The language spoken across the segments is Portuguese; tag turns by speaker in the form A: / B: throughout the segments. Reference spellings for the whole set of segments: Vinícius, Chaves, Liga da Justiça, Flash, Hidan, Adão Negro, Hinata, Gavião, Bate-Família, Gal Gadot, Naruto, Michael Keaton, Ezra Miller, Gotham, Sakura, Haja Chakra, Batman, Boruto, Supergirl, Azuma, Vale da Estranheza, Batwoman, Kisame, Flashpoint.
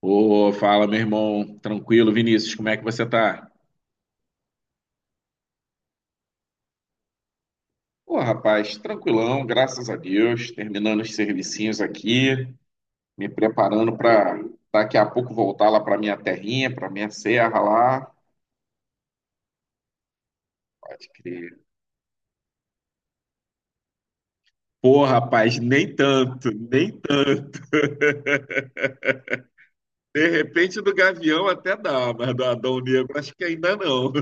A: Ô, fala, meu irmão. Tranquilo, Vinícius, como é que você tá? Ô, rapaz, tranquilão, graças a Deus. Terminando os servicinhos aqui, me preparando para daqui a pouco voltar lá para minha terrinha, para minha serra lá. Pode crer. Pô, rapaz, nem tanto, nem tanto. De repente do Gavião até dá, mas do Adão Negro acho que ainda não.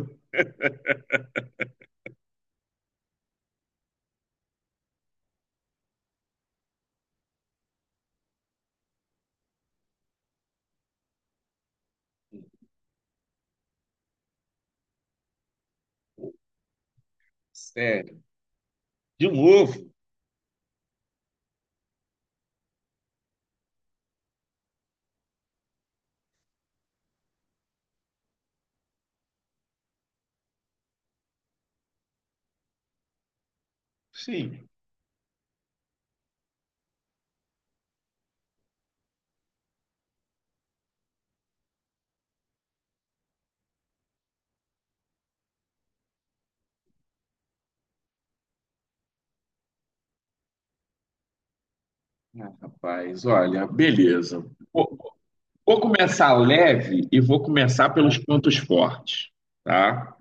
A: Sério. De novo? Sim. Ah, rapaz, olha, beleza. Vou começar leve e vou começar pelos pontos fortes, tá?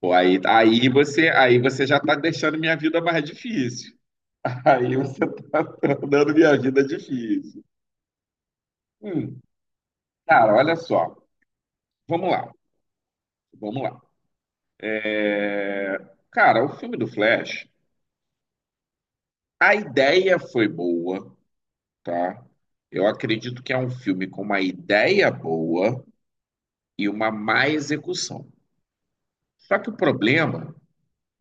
A: Pô, aí, aí você já está deixando minha vida mais difícil. Aí você está tornando minha vida difícil. Hum, cara, olha só. Vamos lá, vamos lá. É, Cara, o filme do Flash, a ideia foi boa, tá? Eu acredito que é um filme com uma ideia boa e uma má execução. Só que o problema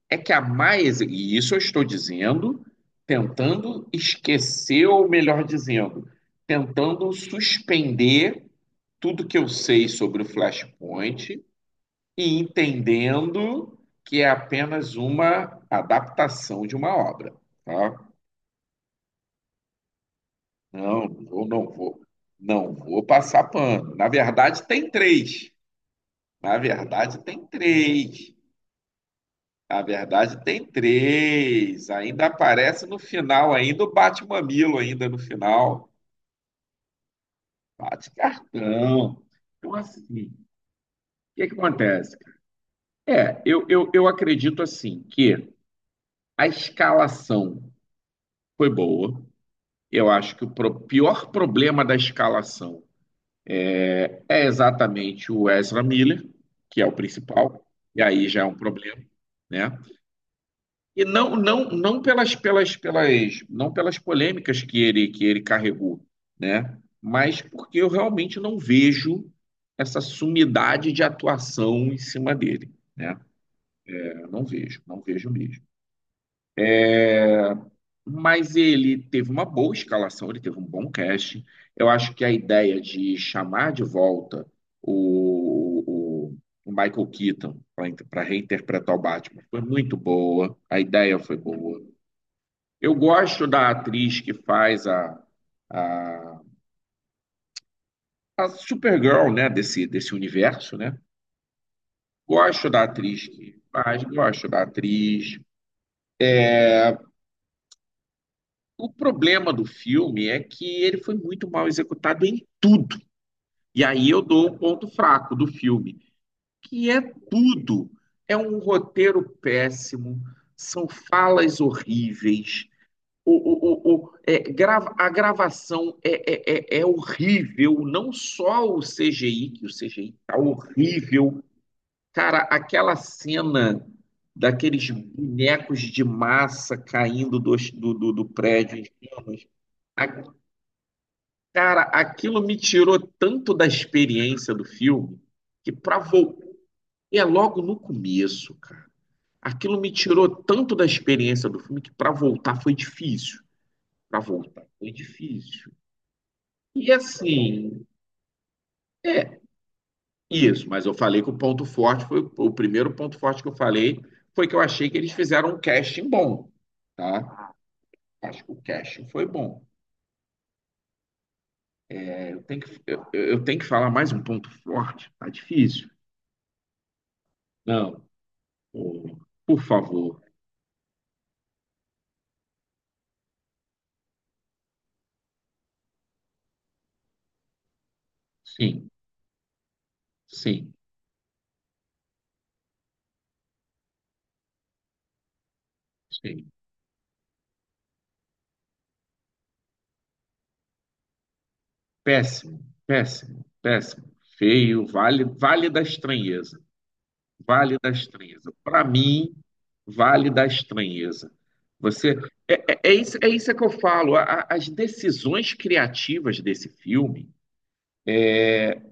A: é que a má execução, e isso eu estou dizendo, tentando esquecer, ou melhor dizendo, tentando suspender tudo que eu sei sobre o Flashpoint e entendendo que é apenas uma adaptação de uma obra, tá? Não, eu não vou, não vou passar pano. Na verdade, tem três. Na verdade, tem três. A verdade tem três. Ainda aparece no final, ainda o bate-mamilo, ainda no final. Bate cartão. Então, assim, o que que acontece? Eu acredito assim que a escalação foi boa. Eu acho que o pior problema da escalação é exatamente o Ezra Miller, que é o principal, e aí já é um problema, né? E não não pelas polêmicas que ele carregou, né? Mas porque eu realmente não vejo essa sumidade de atuação em cima dele, né? Eu não vejo, não vejo mesmo. Mas ele teve uma boa escalação, ele teve um bom casting. Eu acho que a ideia de chamar de volta o, o- o Michael Keaton para reinterpretar o Batman foi muito boa, a ideia foi boa. Eu gosto da atriz que faz a, a Supergirl, né? Desse universo, né? Gosto da atriz que faz, gosto da atriz. O problema do filme é que ele foi muito mal executado em tudo. E aí eu dou um ponto fraco do filme, que é tudo. É um roteiro péssimo, são falas horríveis. A gravação é horrível, não só o CGI, que o CGI tá horrível. Cara, aquela cena daqueles bonecos de massa caindo do prédio em chamas. A- cara, aquilo me tirou tanto da experiência do filme que pra voltar é logo no começo, cara. Aquilo me tirou tanto da experiência do filme que pra voltar foi difícil. Pra voltar foi difícil. E assim, é isso, mas eu falei que o ponto forte foi o primeiro ponto forte que eu falei foi que eu achei que eles fizeram um casting bom, tá? Acho que o casting foi bom. É, eu tenho que falar mais um ponto forte, tá difícil. Não, ô, por favor. Sim, sim, sim. Péssimo, péssimo, péssimo. Feio, vale, vale da estranheza. Vale da Estranheza. Para mim, Vale da Estranheza. Você é isso que eu falo. As decisões criativas desse filme.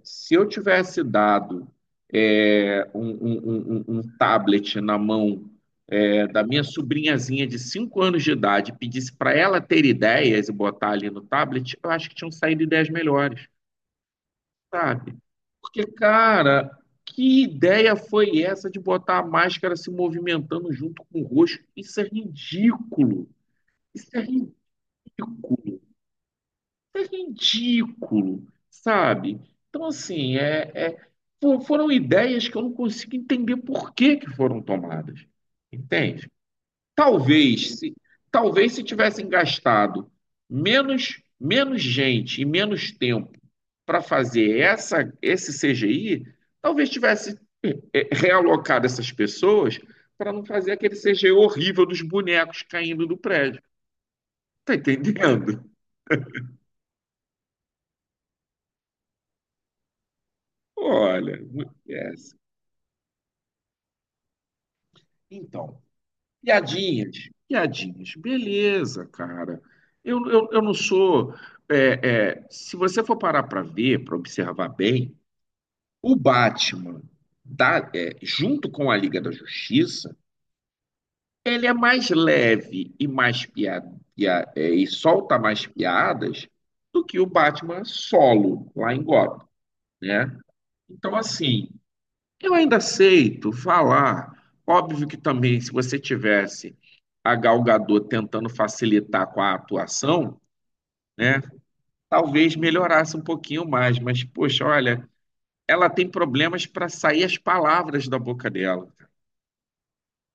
A: Se eu tivesse dado um tablet na mão, é, da minha sobrinhazinha de 5 anos de idade, e pedisse para ela ter ideias e botar ali no tablet, eu acho que tinham saído ideias melhores. Sabe? Porque, cara, que ideia foi essa de botar a máscara se movimentando junto com o rosto? Isso é ridículo. Isso é ridículo. Isso é ridículo, sabe? Então, assim, foram ideias que eu não consigo entender por que que foram tomadas. Entende? Talvez, se, talvez se tivessem gastado menos, menos gente e menos tempo para fazer esse CGI, talvez tivesse realocado essas pessoas para não fazer aquele CGI horrível dos bonecos caindo do prédio. Tá entendendo? Olha, é assim. Então, piadinhas, piadinhas, beleza, cara. Eu não sou. Se você for parar para ver, para observar bem, o Batman, junto com a Liga da Justiça, ele é mais leve e mais e solta mais piadas do que o Batman solo lá em Gotham, né? Então, assim, eu ainda aceito falar. Óbvio que também, se você tivesse a Gal Gadot tentando facilitar com a atuação, né? Talvez melhorasse um pouquinho mais, mas, poxa, olha, ela tem problemas para sair as palavras da boca dela.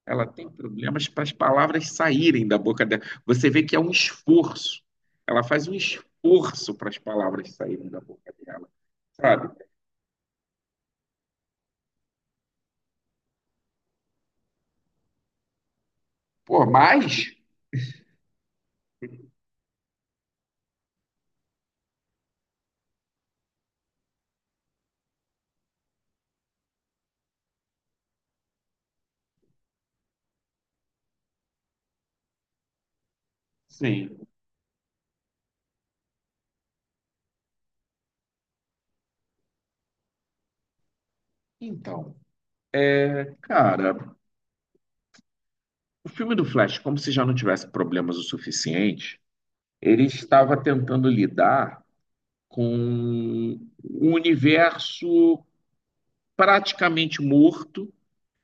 A: Ela tem problemas para as palavras saírem da boca dela. Você vê que é um esforço. Ela faz um esforço para as palavras saírem da boca dela, sabe? Por mais, sim. Então, cara, o filme do Flash, como se já não tivesse problemas o suficiente, ele estava tentando lidar com um universo praticamente morto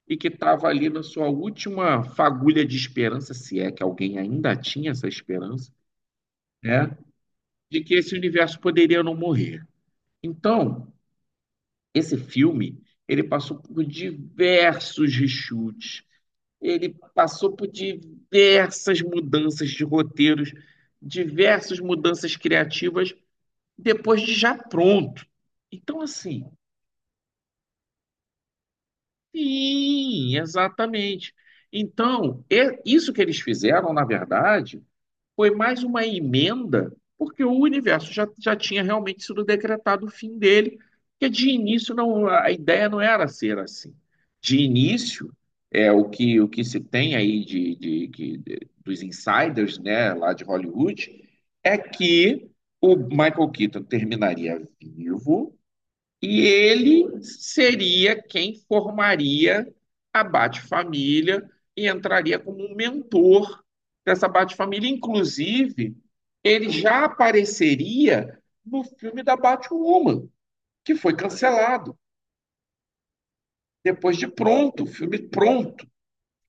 A: e que estava ali na sua última fagulha de esperança, se é que alguém ainda tinha essa esperança, né? De que esse universo poderia não morrer. Então, esse filme, ele passou por diversos reshoots, ele passou por diversas mudanças de roteiros, diversas mudanças criativas depois de já pronto. Então, assim, sim, exatamente. Então, isso que eles fizeram, na verdade, foi mais uma emenda, porque o universo já tinha realmente sido decretado o fim dele, que de início não, a ideia não era ser assim. De início, é o que se tem aí de, que- de- dos insiders, né, lá de Hollywood, é que o Michael Keaton terminaria vivo e ele seria quem formaria a Bate-Família e entraria como um mentor dessa Bate-Família. Inclusive, ele já apareceria no filme da Batwoman, que foi cancelado. Depois de pronto,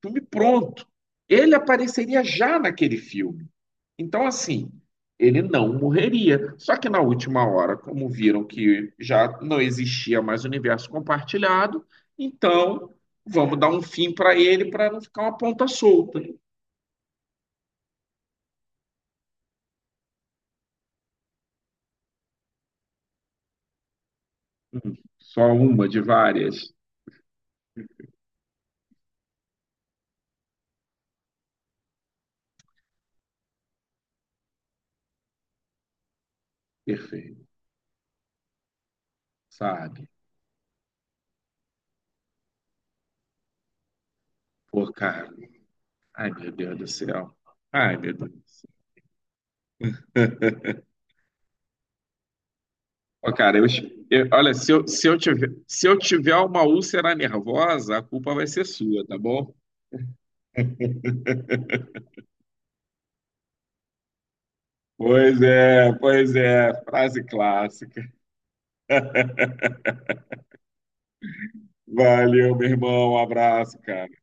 A: filme pronto. Ele apareceria já naquele filme. Então, assim, ele não morreria. Só que na última hora, como viram que já não existia mais universo compartilhado, então vamos dar um fim para ele para não ficar uma ponta solta. Só uma de várias. Perfeito, sabe? Pô, cara. Ai, meu Deus do céu. Ai, meu Deus. Ó, cara, eu, olha, se eu tiver, se eu tiver uma úlcera nervosa, a culpa vai ser sua, tá bom? Pois é, frase clássica. Valeu, meu irmão. Um abraço, cara.